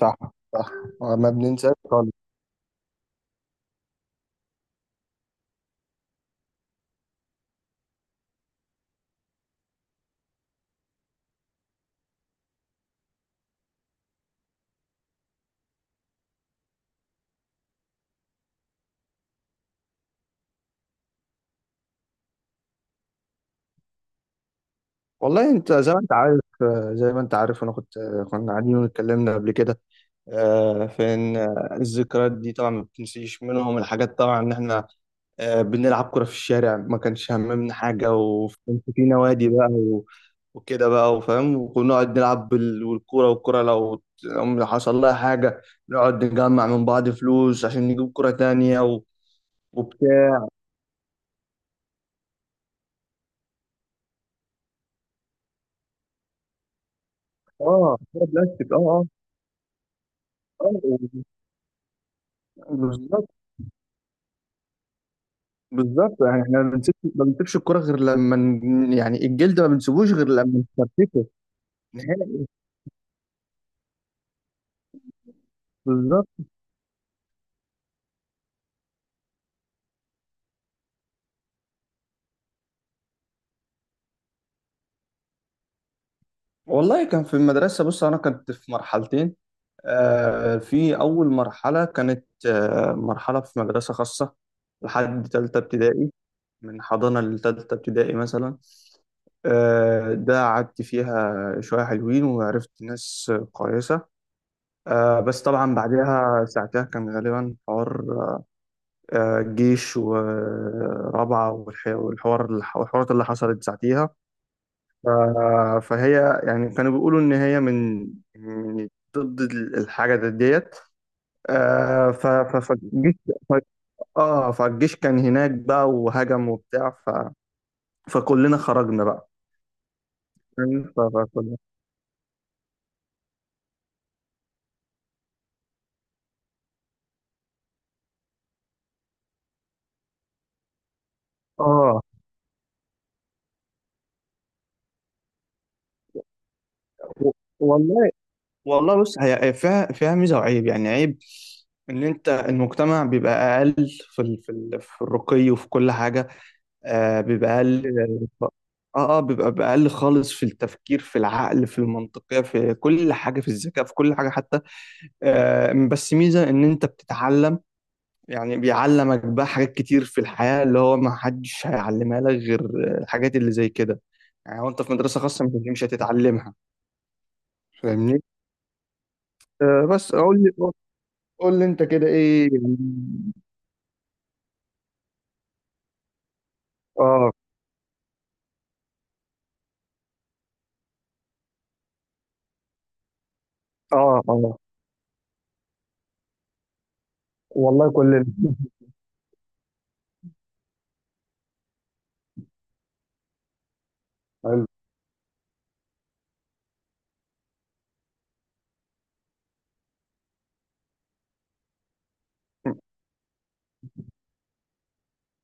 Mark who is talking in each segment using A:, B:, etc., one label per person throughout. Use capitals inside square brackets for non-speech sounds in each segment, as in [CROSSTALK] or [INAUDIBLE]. A: صح. صح. ما بننساش خالص. والله انت زي ما انت عارف، زي ما انت عارف انا كنت آه، كنا قاعدين واتكلمنا قبل كده. في ان الذكريات دي طبعا ما بتنسيش منهم الحاجات، طبعا ان احنا بنلعب كرة في الشارع، ما كانش هممنا حاجة، وكان في نوادي بقى وكده بقى وفاهم، ونقعد نلعب والكورة، والكورة لو لو حصل لها حاجة نقعد نجمع من بعض فلوس عشان نجيب كرة تانية وبتاع. اه كرة بلاستيك، اه اه اه. بالظبط، بالظبط. يعني احنا ما بنسيبش الكرة غير لما يعني الجلد ما بنسيبوش غير لما نفرتكه نهائي. بالظبط. والله كان في المدرسة، بص أنا كنت في مرحلتين. في أول مرحلة كانت مرحلة في مدرسة خاصة لحد تالتة ابتدائي. من حضانة لتالتة ابتدائي مثلا. ده قعدت فيها شوية حلوين وعرفت ناس كويسة. بس طبعا بعدها ساعتها كان غالبا حوار. الجيش ورابعة والحوار والحوارات اللي حصلت ساعتيها. ف- فهي يعني كانوا بيقولوا إن هي من من ضد الحاجة ديت. فالجيش. ف- اه فالجيش كان هناك بقى وهجم وبتاع. فكلنا خرجنا بقى. فاهم؟ اه و- والله. والله بص هي هي فيها، فيها ميزة وعيب، يعني عيب ان انت المجتمع بيبقى اقل في الرقي وفي كل حاجة. آه بيبقى اقل. اه اه بيبقى بأقل خالص في التفكير، في العقل، في المنطقية، في كل حاجة، في الذكاء، في كل حاجة حتى. آه بس ميزة ان انت بتتعلم، يعني بيعلمك بقى حاجات كتير في الحياة اللي هو ما حدش هيعلمها لك غير الحاجات اللي زي كده. يعني وانت في مدرسة خاصة مش هتتعلمها، فاهمني. آه بس قول لي، قول لي انت كده ايه يعني. اه اه اه. والله كلنا [LAUGHS] حلو.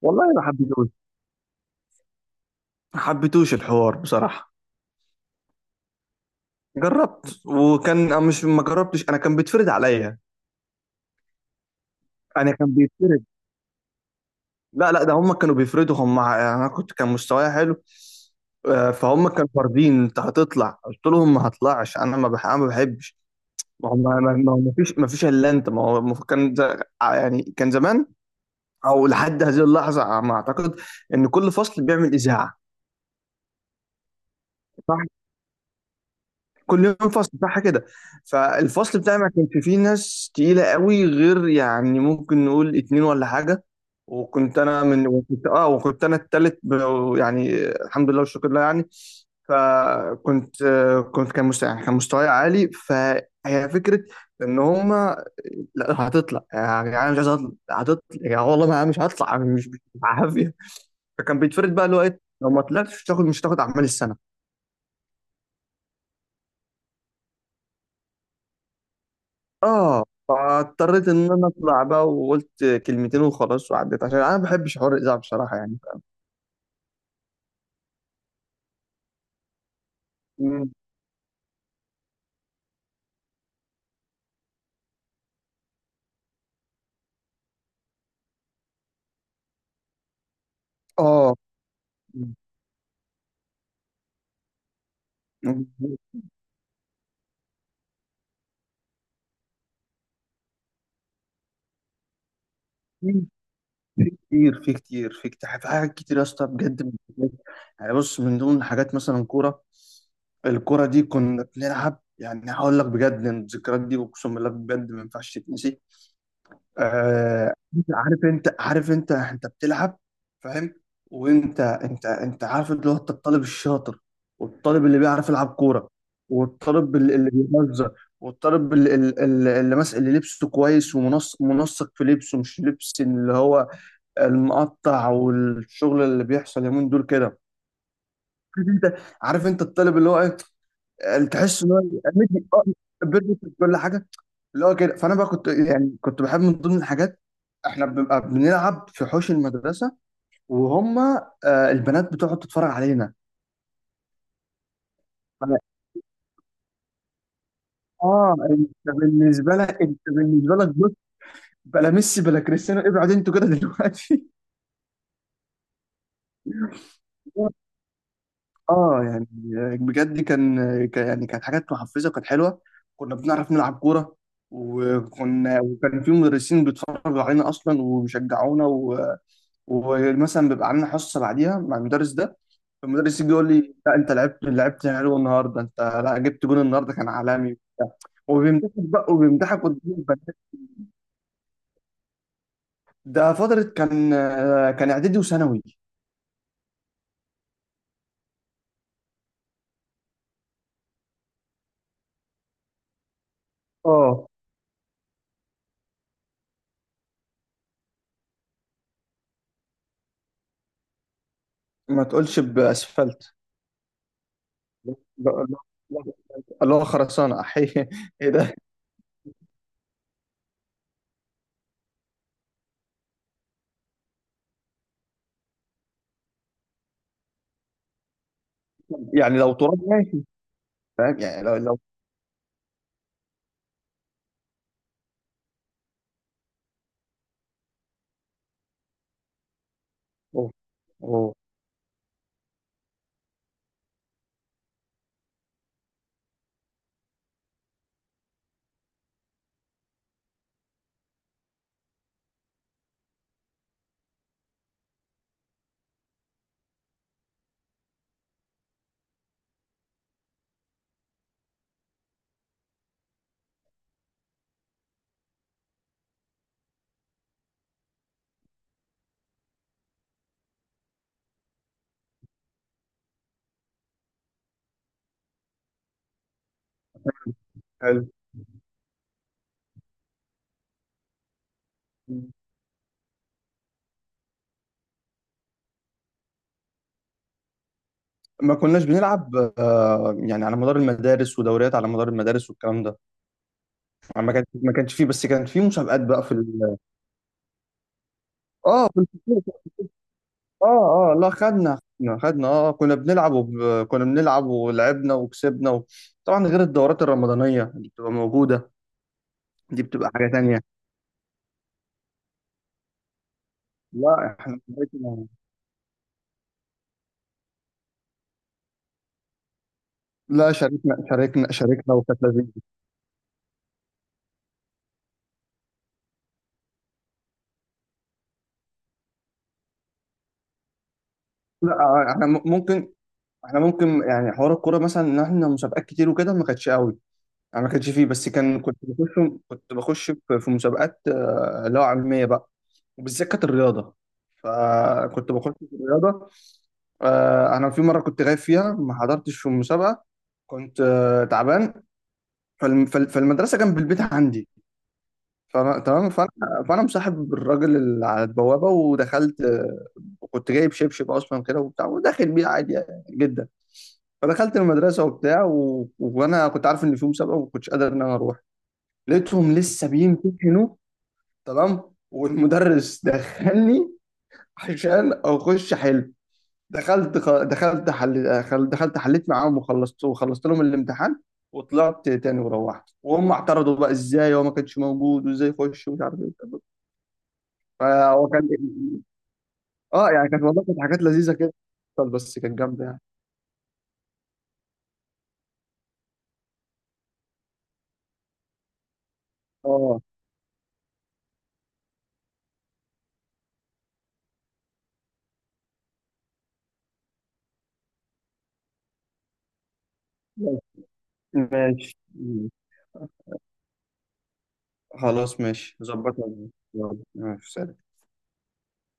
A: والله ما حبيتوش، ما حبيتوش الحوار بصراحة. جربت، وكان مش ما جربتش، انا كان بيتفرض عليا. انا كان بيتفرض. لا لا، ده هم كانوا بيفرضوا هم انا كنت، كان مستواي حلو. فهم كانوا فاردين انت هتطلع. قلت لهم ما هطلعش، انا ما بح... أنا ما بحبش. ما هو ما هو ما فيش الا انت. ما هو ما هو كان يعني كان زمان او لحد هذه اللحظه، ما اعتقد ان كل فصل بيعمل اذاعه. كل يوم فصل صح كده. فالفصل بتاعي ما كانش فيه ناس تقيلة قوي، غير يعني ممكن نقول اتنين ولا حاجة. وكنت انا من وكنت اه وكنت انا التالت يعني الحمد لله والشكر لله يعني. فكنت آه، كنت كان مستوى، يعني كان مستواي عالي. فهي فكرة ان هما لا هتطلع يا جدعان، مش عايز اطلع، هتطلع يا جدعان، والله ما مش هطلع، مش مش بالعافية. فكان بيتفرض بقى، اللي هو ايه، لو ما طلعتش مش هتاخد، مش هتاخد اعمال السنة. اه فاضطريت ان انا اطلع بقى، وقلت كلمتين وخلاص وعديت، عشان انا ما بحبش حوار الاذاعه بصراحه يعني. مم. اه. مم. في في كتير في كتير في كتير في حاجات كتير يا اسطى بجد. يعني بص، من ضمن حاجات مثلا كوره. الكوره دي كنا بنلعب، يعني هقول لك بجد إن الذكريات دي اقسم بالله بجد ما ينفعش تتنسي. آه. عارف انت انت بتلعب، فاهم. وانت انت عارف اللي هو انت الطالب الشاطر، والطالب اللي بيعرف يلعب كوره، والطالب اللي بيهزر، والطالب اللي ماسك، اللي لبسه كويس ومنسق، منسق في لبسه، مش لبس اللي هو المقطع والشغل اللي بيحصل يومين دول كده. عارف انت، عارف انت الطالب اللي هو ايه، اللي تحس ان هو مدي- اه، بيرفكت في كل حاجه. اللي هو كده. فانا بقى كنت، يعني كنت بحب من ضمن الحاجات احنا بنبقى بنلعب في حوش المدرسه، وهم آه البنات بتقعد تتفرج علينا. فأنا- اه انت، بالنسبه لك، انت بالنسبه لك بص، بلا ميسي بلا كريستيانو، ابعد انتوا كده دلوقتي. [LAUGHS] اه يعني، بجد يعني كانت حاجات محفزه وكانت حلوه. كنا بنعرف نلعب كوره، وكنا وكان في مدرسين بيتفرجوا علينا اصلا وبيشجعونا، و... ومثلا بيبقى عندنا حصه بعديها مع المدرس ده. المدرس يجي يقول لي لا انت لعبت، لعبت حلو النهارده، انت لا جبت جون النهارده، كان عالمي وبتاع. وبيمدحك بقى، وبيمدحك قدام البنات. ده فتره، كان كان اعدادي وثانوي. اه ما تقولش باسفلت. لا- لا- لا- اللي هو خرسانه [LAUGHS] احيه. ايه ده. يعني لو تراب ماشي، فاهم يعني لو لو. أوه. أوه. حلو. ما كناش بنلعب، يعني على مدار المدارس ودوريات على مدار المدارس والكلام ده. يعني ما كانش فيه، بس كان فيه مسابقات بقى اه في الفصول. اه اه. لا خدنا، كنا كنا بنلعب ولعبنا وكسبنا. و... طبعا غير الدورات الرمضانية اللي بتبقى موجودة، دي بتبقى حاجة تانية. لا احنا شاركنا. لا شاركنا، شاركنا وكانت لذيذة. لا احنا ممكن، احنا ممكن يعني حوار الكورة مثلا، ان احنا مسابقات كتير وكده ما كانتش قوي، انا ما كانش فيه. بس كان كنت بخش، كنت بخش في في مسابقات اللي هو علميه بقى، وبالذات كانت الرياضه. فكنت بخش في الرياضه. انا في مره كنت غايب فيها، ما حضرتش في المسابقه، كنت تعبان. فالمدرسه جنب البيت عندي، فأنا تمام. فانا فانا مصاحب الراجل اللي على البوابه، ودخلت. وكنت جايب شبشب اصلا كده وبتاع وداخل بيه عادي يعني جدا. فدخلت المدرسه وبتاع، و... وانا كنت عارف ان في مسابقه وما كنتش قادر ان انا اروح. لقيتهم لسه بيمتحنوا، تمام، والمدرس دخلني عشان اخش حل. دخلت خ... دخلت حل... خل- دخلت حليت معاهم وخلصت، وخلصت لهم الامتحان وطلعت تاني وروحت. وهم اعترضوا بقى ازاي هو ما كانش موجود، وازاي يخش، ومش عارف ايه. فهو كان [LAUGHS] اه. يعني كانت، والله كانت حاجات لذيذه كده، بس كانت جامده يعني. اه ماشي. خلاص ماشي، ظبطها. يلا ماشي، سلام.